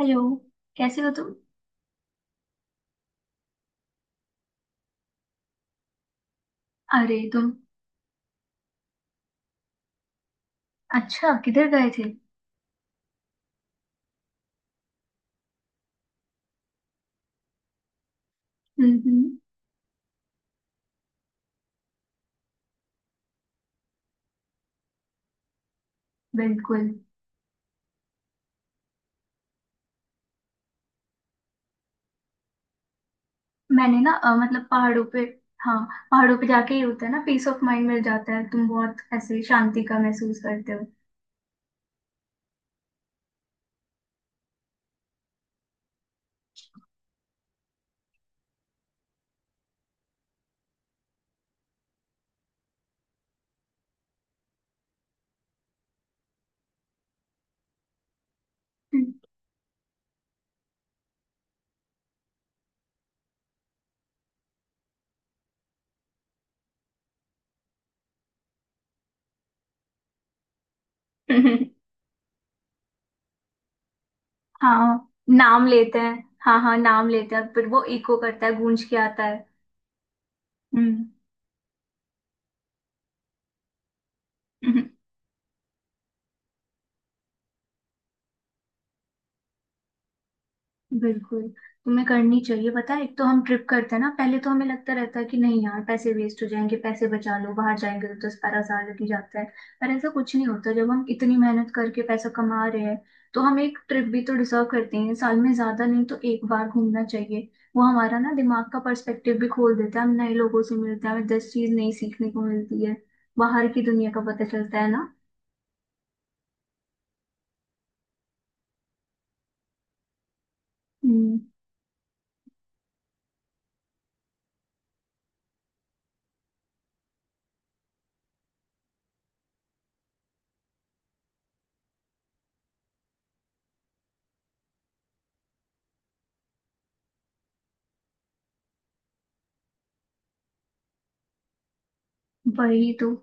Hello. कैसे हो तुम। अरे तुम। अच्छा किधर गए थे। हम्म, हम्म। बिल्कुल। मैंने ना मतलब पहाड़ों पे। हाँ। पहाड़ों पे जाके ही होता है ना, पीस ऑफ माइंड मिल जाता है। तुम बहुत ऐसे शांति का महसूस करते हो। हम्म। हाँ। नाम लेते हैं। हाँ, हाँ, नाम लेते हैं फिर वो इको करता है, गूंज के आता है। हम्म। बिल्कुल। तुम्हें करनी चाहिए। पता है, एक तो हम ट्रिप करते हैं ना, पहले तो हमें लगता रहता है कि नहीं यार, पैसे वेस्ट हो जाएंगे, पैसे बचा लो, बाहर जाएंगे तो 10-12 हज़ार लग ही जाता है। पर ऐसा कुछ नहीं होता, जब हम इतनी मेहनत करके पैसा कमा रहे हैं तो हम एक ट्रिप भी तो डिजर्व करते हैं साल में, ज्यादा नहीं तो एक बार घूमना चाहिए। वो हमारा ना दिमाग का पर्सपेक्टिव भी खोल देता है, हम नए लोगों से मिलते हैं, हमें 10 चीज नई सीखने को मिलती है। बाहर की दुनिया का पता चलता है ना। हम्म। वही तो।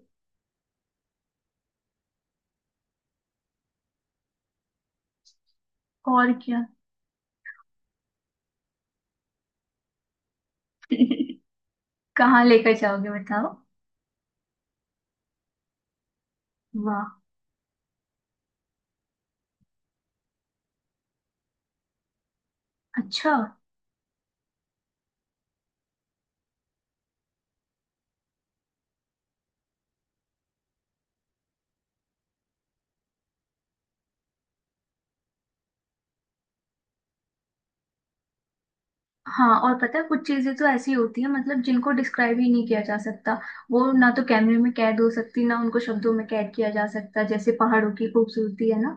और क्या। कहाँ लेकर जाओगे, बताओ। वाह। अच्छा। हाँ, और पता है कुछ चीजें तो ऐसी होती है मतलब जिनको डिस्क्राइब ही नहीं किया जा सकता। वो ना तो कैमरे में कैद हो सकती, ना उनको शब्दों में कैद किया जा सकता, जैसे पहाड़ों की खूबसूरती है ना।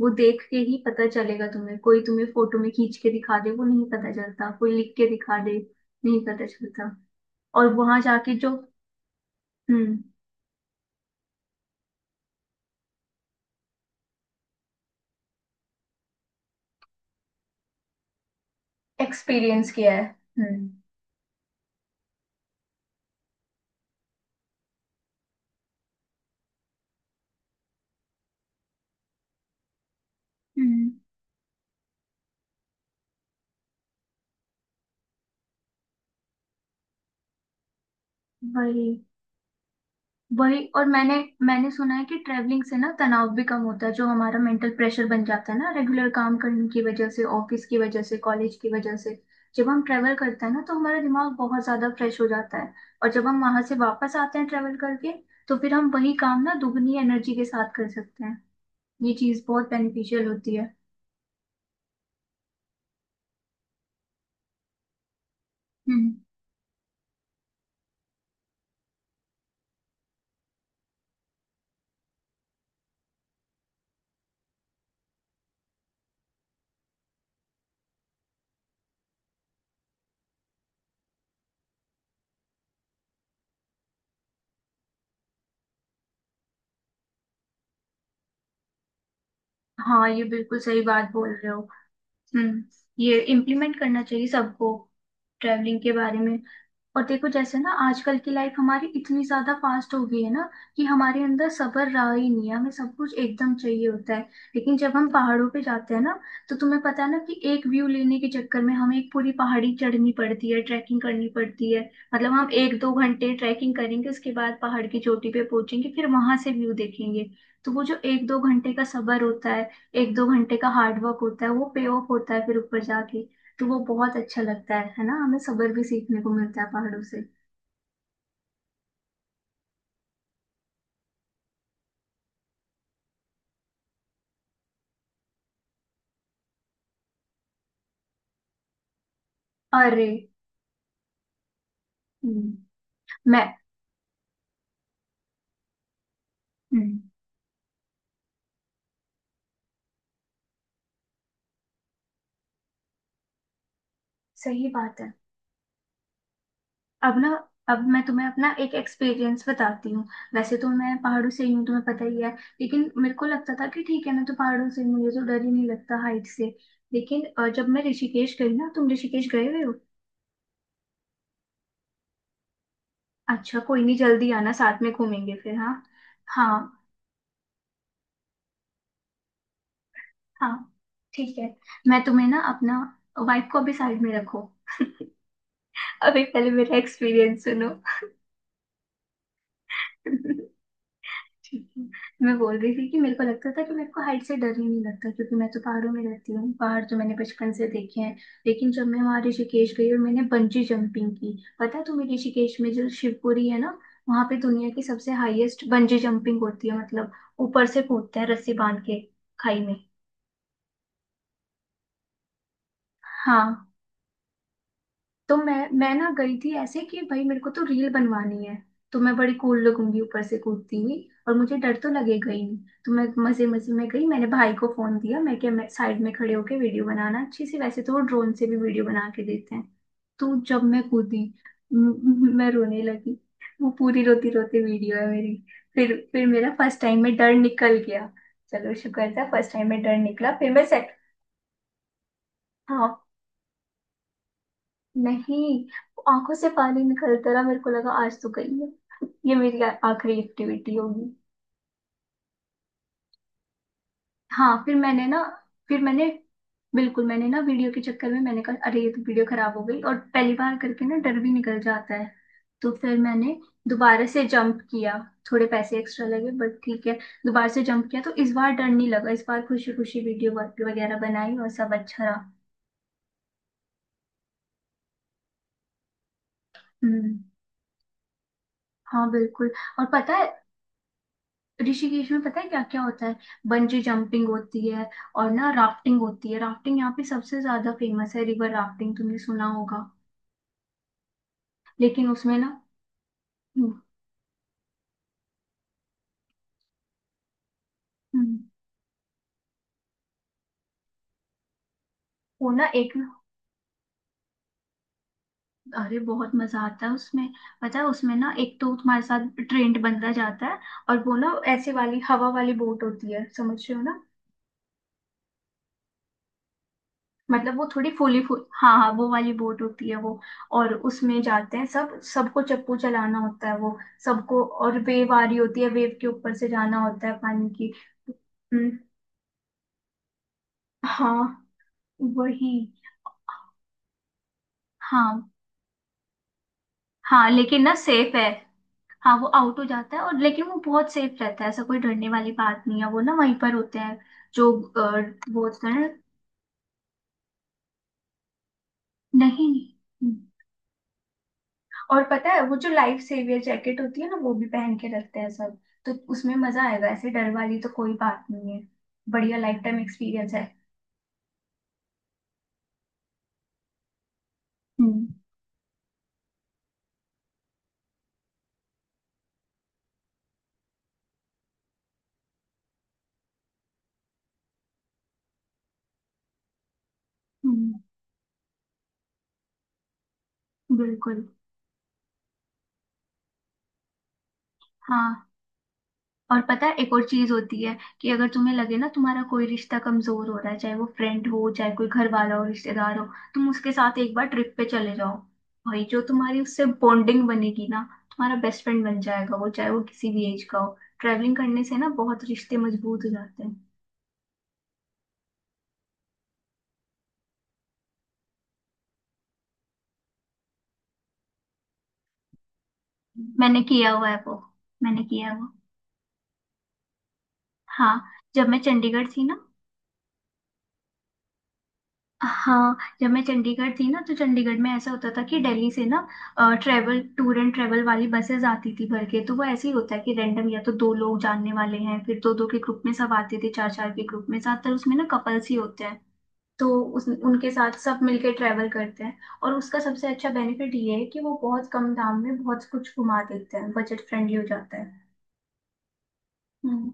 वो देख के ही पता चलेगा तुम्हें, कोई तुम्हें फोटो में खींच के दिखा दे, वो नहीं पता चलता, कोई लिख के दिखा दे। नहीं पता चलता। और वहां जाके जो। हम्म। एक्सपीरियंस किया है। हम्म, हम्म। वही। वही। और मैंने मैंने सुना है कि ट्रैवलिंग से ना तनाव भी कम होता है, जो हमारा मेंटल प्रेशर बन जाता है ना रेगुलर काम करने की वजह से, ऑफिस की वजह से, कॉलेज की वजह से। जब हम ट्रैवल करते हैं ना, तो हमारा दिमाग बहुत ज्यादा फ्रेश हो जाता है। और जब हम वहां से वापस आते हैं ट्रैवल करके, तो फिर हम वही काम ना दुगनी एनर्जी के साथ कर सकते हैं। ये चीज बहुत बेनिफिशियल होती है। हम्म। हाँ, ये बिल्कुल सही बात बोल रहे हो। हम्म। ये इम्प्लीमेंट करना चाहिए सबको। ट्रैवलिंग के बारे में। और देखो, जैसे ना आजकल की लाइफ हमारी इतनी ज्यादा फास्ट हो गई है ना, कि हमारे अंदर सब्र रहा ही नहीं है, हमें सब कुछ एकदम चाहिए होता है। लेकिन जब हम पहाड़ों पे जाते हैं ना, तो तुम्हें पता है ना कि एक व्यू लेने के चक्कर में हमें एक पूरी पहाड़ी चढ़नी पड़ती है, ट्रैकिंग करनी पड़ती है। मतलब हम 1-2 घंटे ट्रैकिंग करेंगे, उसके बाद पहाड़ की चोटी पे पहुंचेंगे, फिर वहां से व्यू देखेंगे। तो वो जो 1-2 घंटे का सब्र होता है, 1-2 घंटे का हार्ड वर्क होता है, वो पे ऑफ होता है फिर ऊपर जाके। तो वो बहुत अच्छा लगता है ना, हमें सब्र भी सीखने को मिलता है पहाड़ों से। अरे। हम्म। मैं। हम्म। सही बात है। अब ना। अब मैं तुम्हें अपना एक एक्सपीरियंस बताती हूँ। वैसे तो मैं पहाड़ों से ही हूँ, तुम्हें पता ही है। लेकिन मेरे को लगता था कि ठीक है ना, तो पहाड़ों से मुझे तो डर ही नहीं लगता हाइट से। लेकिन जब मैं ऋषिकेश गई ना, तुम ऋषिकेश गए हुए हो? अच्छा, कोई नहीं, जल्दी आना साथ में घूमेंगे फिर, हाँ। हाँ, हाँ। ठीक है। मैं तुम्हें ना अपना। वाइफ को अभी साइड में रखो। अभी पहले मेरा एक्सपीरियंस सुनो। ठीक है। मैं बोल रही थी कि मेरे को लगता था कि मेरे को हाइट से डर ही नहीं लगता, क्योंकि मैं तो पहाड़ों में रहती हूँ, पहाड़ तो मैंने बचपन से देखे हैं। लेकिन जब मैं वहाँ ऋषिकेश गई और मैंने बंजी जंपिंग की, पता है तुम्हें, ऋषिकेश में जो शिवपुरी है ना, वहाँ पे दुनिया की सबसे हाईएस्ट बंजी जंपिंग होती है मतलब। ऊपर से कूदते हैं रस्सी बांध के, खाई में। हाँ। तो मैं ना गई थी ऐसे कि भाई मेरे को तो रील बनवानी है, तो मैं बड़ी कूल लगूंगी ऊपर से कूदती हुई, और मुझे डर तो लगेगा ही नहीं। तो मैं मजे मजे में गई, मैंने भाई को फोन दिया, मैं क्या, मैं साइड में खड़े होके वीडियो बनाना अच्छी सी, वैसे तो वो ड्रोन से भी वीडियो बना के देते हैं। तो जब मैं कूदी, मैं रोने लगी, वो पूरी रोती रोती वीडियो है मेरी। फिर मेरा फर्स्ट टाइम में डर निकल गया। चलो, शुक्र था फर्स्ट टाइम में डर निकला, फिर मैं। सेट। नहीं। आंखों से पानी निकलता रहा, मेरे को लगा आज तो गई है, ये मेरी आखिरी एक्टिविटी होगी। हाँ फिर मैंने ना, फिर मैंने, बिल्कुल मैंने ना वीडियो के चक्कर में मैंने कहा अरे, ये तो वीडियो खराब हो गई, और पहली बार करके ना डर भी निकल जाता है। तो फिर मैंने दोबारा से जंप किया, थोड़े पैसे एक्स्ट्रा लगे बट ठीक है। दोबारा से जंप किया तो इस बार डर नहीं लगा, इस बार खुशी खुशी वीडियो वगैरह बनाई और सब अच्छा रहा। हम्म। हाँ बिल्कुल। और पता है, ऋषिकेश में पता है क्या क्या होता है, बंजी जंपिंग होती है और ना राफ्टिंग होती है, राफ्टिंग यहाँ पे सबसे ज्यादा फेमस है, रिवर राफ्टिंग तुमने सुना होगा। लेकिन उसमें ना। हम्म। हम्म। वो ना एक। अरे बहुत मजा आता है उसमें, पता है उसमें ना, एक तो तुम्हारे साथ ट्रेंड बंदा जाता है, और वो ना ऐसे वाली हवा वाली बोट होती है, समझ रहे हो ना? मतलब वो थोड़ी फूली फूल, हाँ हाँ, वो वाली बोट होती है वो, और उसमें जाते हैं सब, सबको चप्पू चलाना होता है वो सबको, और वेव आ रही होती है, वेव के ऊपर से जाना होता है पानी की। हम्म। हाँ। वही। हाँ, हाँ, लेकिन ना सेफ है। हाँ, वो आउट हो जाता है और, लेकिन वो बहुत सेफ रहता है, ऐसा कोई डरने वाली बात नहीं है, वो ना वहीं पर होते हैं, जो वो होता है ना। नहीं। और पता है वो जो लाइफ सेवियर जैकेट होती है ना, वो भी पहन के रखते हैं सब, तो उसमें मजा आएगा, ऐसे डर वाली तो कोई बात नहीं है, बढ़िया लाइफ टाइम एक्सपीरियंस है। हम्म। हम्म। बिल्कुल। हाँ, और पता है एक और चीज होती है कि अगर तुम्हें लगे ना तुम्हारा कोई रिश्ता कमजोर हो रहा है, चाहे वो फ्रेंड हो, चाहे कोई घर वाला हो, रिश्तेदार हो, तुम उसके साथ एक बार ट्रिप पे चले जाओ। भाई जो तुम्हारी उससे बॉन्डिंग बनेगी ना, तुम्हारा बेस्ट फ्रेंड बन जाएगा वो, चाहे वो किसी भी एज का हो, ट्रैवलिंग करने से ना बहुत रिश्ते मजबूत हो जाते हैं। मैंने किया हुआ है वो। मैंने किया है वो। हाँ जब मैं चंडीगढ़ थी ना। हाँ जब मैं चंडीगढ़ थी ना, तो चंडीगढ़ में ऐसा होता था कि दिल्ली से ना ट्रेवल टूर एंड ट्रेवल वाली बसेस आती थी भर के, तो वो ऐसे ही होता है कि रैंडम, या तो दो लोग जानने वाले हैं, फिर दो दो के ग्रुप में सब आते थे, चार चार के ग्रुप में, ज्यादातर उसमें ना कपल्स ही होते हैं। तो उस उनके साथ सब मिलके ट्रैवल करते हैं। और उसका सबसे अच्छा बेनिफिट ये है कि वो बहुत कम दाम में बहुत कुछ घुमा देते हैं, बजट फ्रेंडली हो जाता है। हम्म।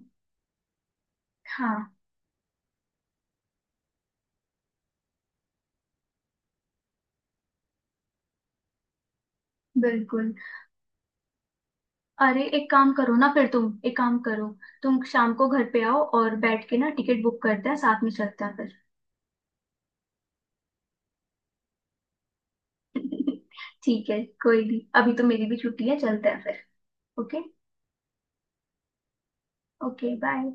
हाँ बिल्कुल। अरे एक काम करो ना, फिर तुम एक काम करो, तुम शाम को घर पे आओ और बैठ के ना टिकट बुक करते हैं, साथ में चलते हैं फिर। ठीक है, कोई नहीं, अभी तो मेरी भी छुट्टी है, चलते हैं फिर। ओके। Okay bye.